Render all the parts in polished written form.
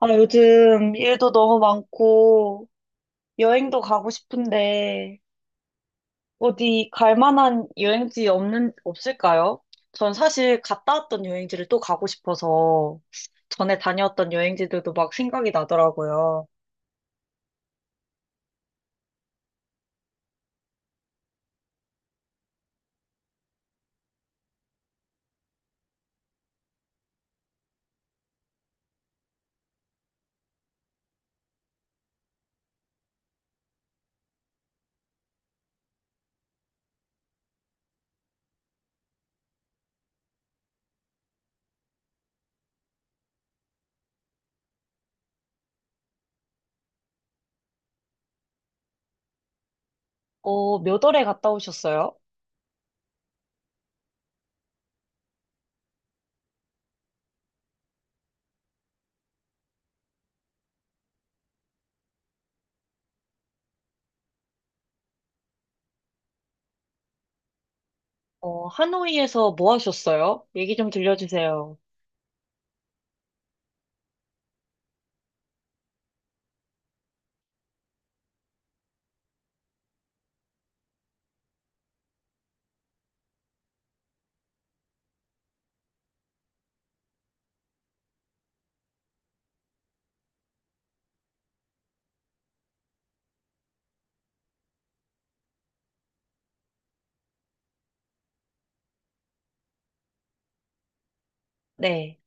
아, 요즘 일도 너무 많고, 여행도 가고 싶은데, 어디 갈 만한 여행지 없을까요? 전 사실 갔다 왔던 여행지를 또 가고 싶어서, 전에 다녀왔던 여행지들도 막 생각이 나더라고요. 어, 몇 월에 갔다 오셨어요? 어, 하노이에서 뭐 하셨어요? 얘기 좀 들려주세요. 네.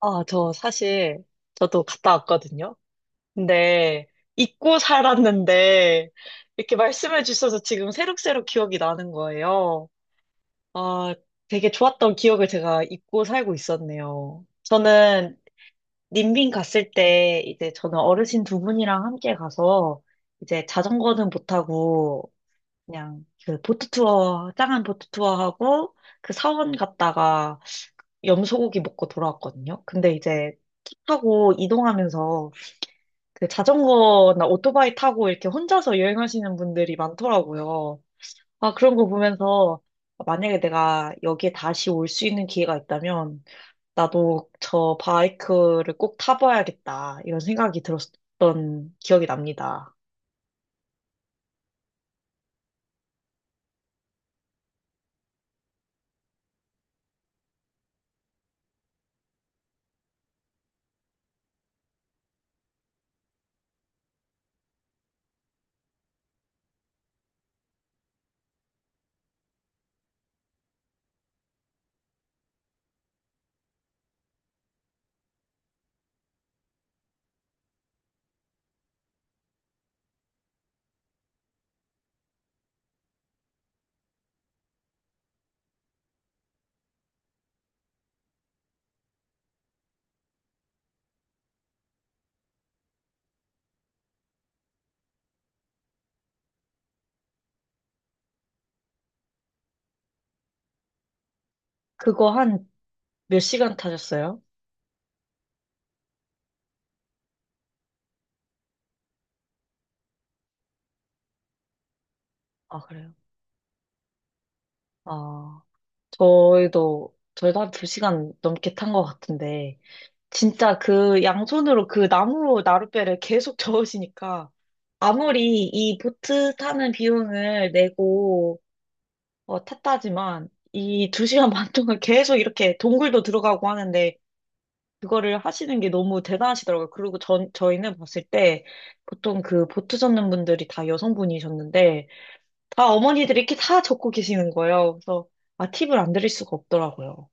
아, 저 사실, 저도 갔다 왔거든요. 네, 잊고 살았는데, 이렇게 말씀해 주셔서 지금 새록새록 기억이 나는 거예요. 아, 되게 좋았던 기억을 제가 잊고 살고 있었네요. 저는 님빈 갔을 때, 이제 저는 어르신 두 분이랑 함께 가서, 이제 자전거는 못 타고, 그냥 그 보트 투어, 짱한 보트 투어 하고, 그 사원 갔다가 염소고기 먹고 돌아왔거든요. 근데 이제 차 타고 이동하면서 그 자전거나 오토바이 타고 이렇게 혼자서 여행하시는 분들이 많더라고요. 아, 그런 거 보면서 만약에 내가 여기에 다시 올 수 있는 기회가 있다면 나도 저 바이크를 꼭 타봐야겠다. 이런 생각이 들었던 기억이 납니다. 그거 한 몇 시간 타셨어요? 아, 그래요? 아, 저희도 한 두 시간 넘게 탄 것 같은데, 진짜 그 양손으로 그 나무 나룻배를 계속 저으시니까, 아무리 이 보트 타는 비용을 내고 탔다지만 이 두 시간 반 동안 계속 이렇게 동굴도 들어가고 하는데 그거를 하시는 게 너무 대단하시더라고요. 그리고 저희는 봤을 때 보통 그 보트 젓는 분들이 다 여성분이셨는데 다 어머니들이 이렇게 다 젓고 계시는 거예요. 그래서 아, 팁을 안 드릴 수가 없더라고요.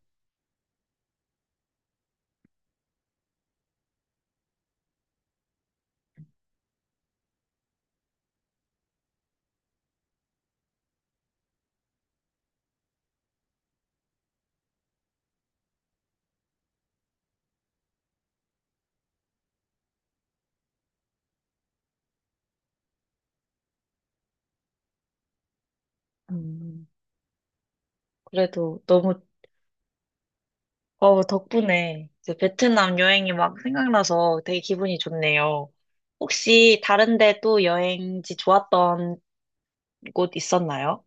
음, 그래도 덕분에 이제 베트남 여행이 막 생각나서 되게 기분이 좋네요. 혹시 다른데 또 여행지 좋았던 곳 있었나요?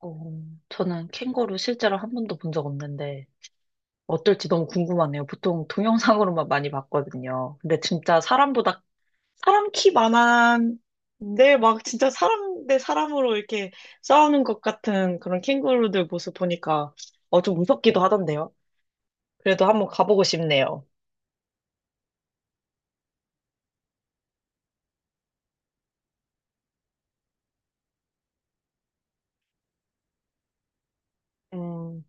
어, 저는 캥거루 실제로 한 번도 본 적 없는데 어떨지 너무 궁금하네요. 보통 동영상으로만 많이 봤거든요. 근데 진짜 사람보다 사람 키 많은데 막 진짜 사람 대 사람으로 이렇게 싸우는 것 같은 그런 캥거루들 모습 보니까 좀 무섭기도 하던데요. 그래도 한번 가보고 싶네요. 음,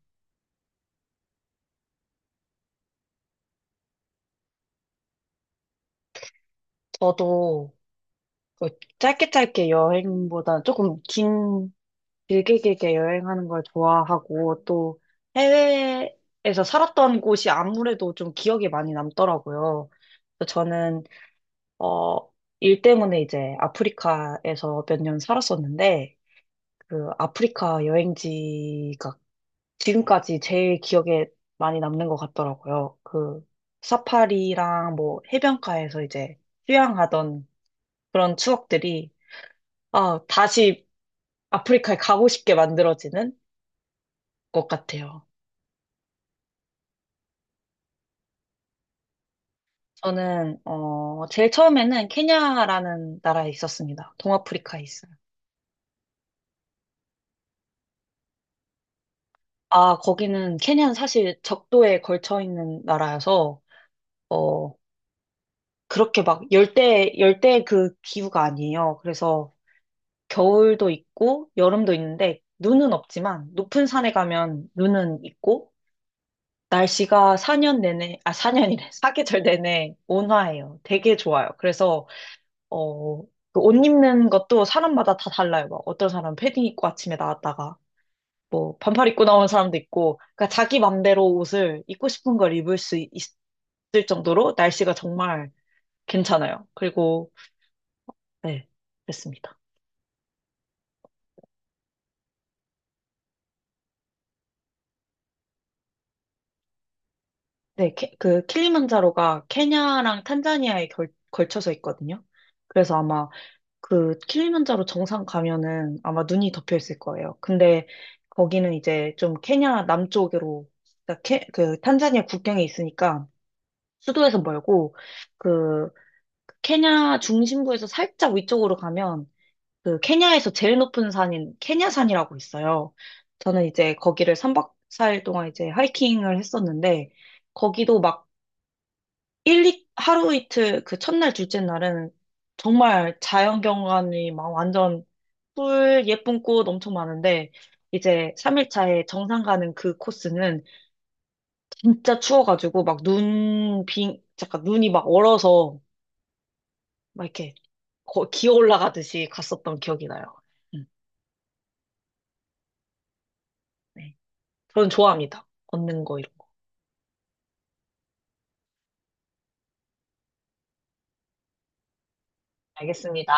저도 그 짧게 짧게 여행보다 조금 길게 길게 여행하는 걸 좋아하고 또 해외에서 살았던 곳이 아무래도 좀 기억에 많이 남더라고요. 그래서 저는, 어, 일 때문에 이제 아프리카에서 몇 년 살았었는데 그 아프리카 여행지가 지금까지 제일 기억에 많이 남는 것 같더라고요. 그 사파리랑 뭐 해변가에서 이제 휴양하던 그런 추억들이 다시 아프리카에 가고 싶게 만들어지는 것 같아요. 저는, 제일 처음에는 케냐라는 나라에 있었습니다. 동아프리카에 있어요. 아, 케냐는 사실 적도에 걸쳐 있는 나라여서, 어, 그렇게 막 열대 그 기후가 아니에요. 그래서 겨울도 있고, 여름도 있는데, 눈은 없지만, 높은 산에 가면 눈은 있고, 날씨가 4년 내내, 아, 4년이래. 사계절 내내 온화해요. 되게 좋아요. 그래서, 그 옷 입는 것도 사람마다 다 달라요. 막 어떤 사람 은 패딩 입고 아침에 나왔다가 뭐 반팔 입고 나오는 사람도 있고, 그러니까 자기 맘대로 옷을 입고 싶은 걸 입을 수 있을 정도로 날씨가 정말 괜찮아요. 그리고 네, 그렇습니다. 네, 그 킬리만자로가 케냐랑 탄자니아에 걸쳐서 있거든요. 그래서 아마 그 킬리만자로 정상 가면은 아마 눈이 덮여 있을 거예요. 근데 거기는 이제 좀 케냐 남쪽으로 그러니까 그 탄자니아 국경에 있으니까 수도에서 멀고 그 케냐 중심부에서 살짝 위쪽으로 가면 그 케냐에서 제일 높은 산인 케냐산이라고 있어요. 저는 이제 거기를 3박 4일 동안 이제 하이킹을 했었는데 거기도 막 일, 이 하루 이틀 그 첫날, 둘째 날은 정말 자연 경관이 막 완전 풀 예쁜 꽃 엄청 많은데 이제 3일 차에 정상 가는 그 코스는 진짜 추워가지고 막 잠깐 눈이 막 얼어서 막 이렇게 기어 올라가듯이 갔었던 기억이 나요. 음, 네. 저는 좋아합니다. 걷는 거 이런 거. 알겠습니다.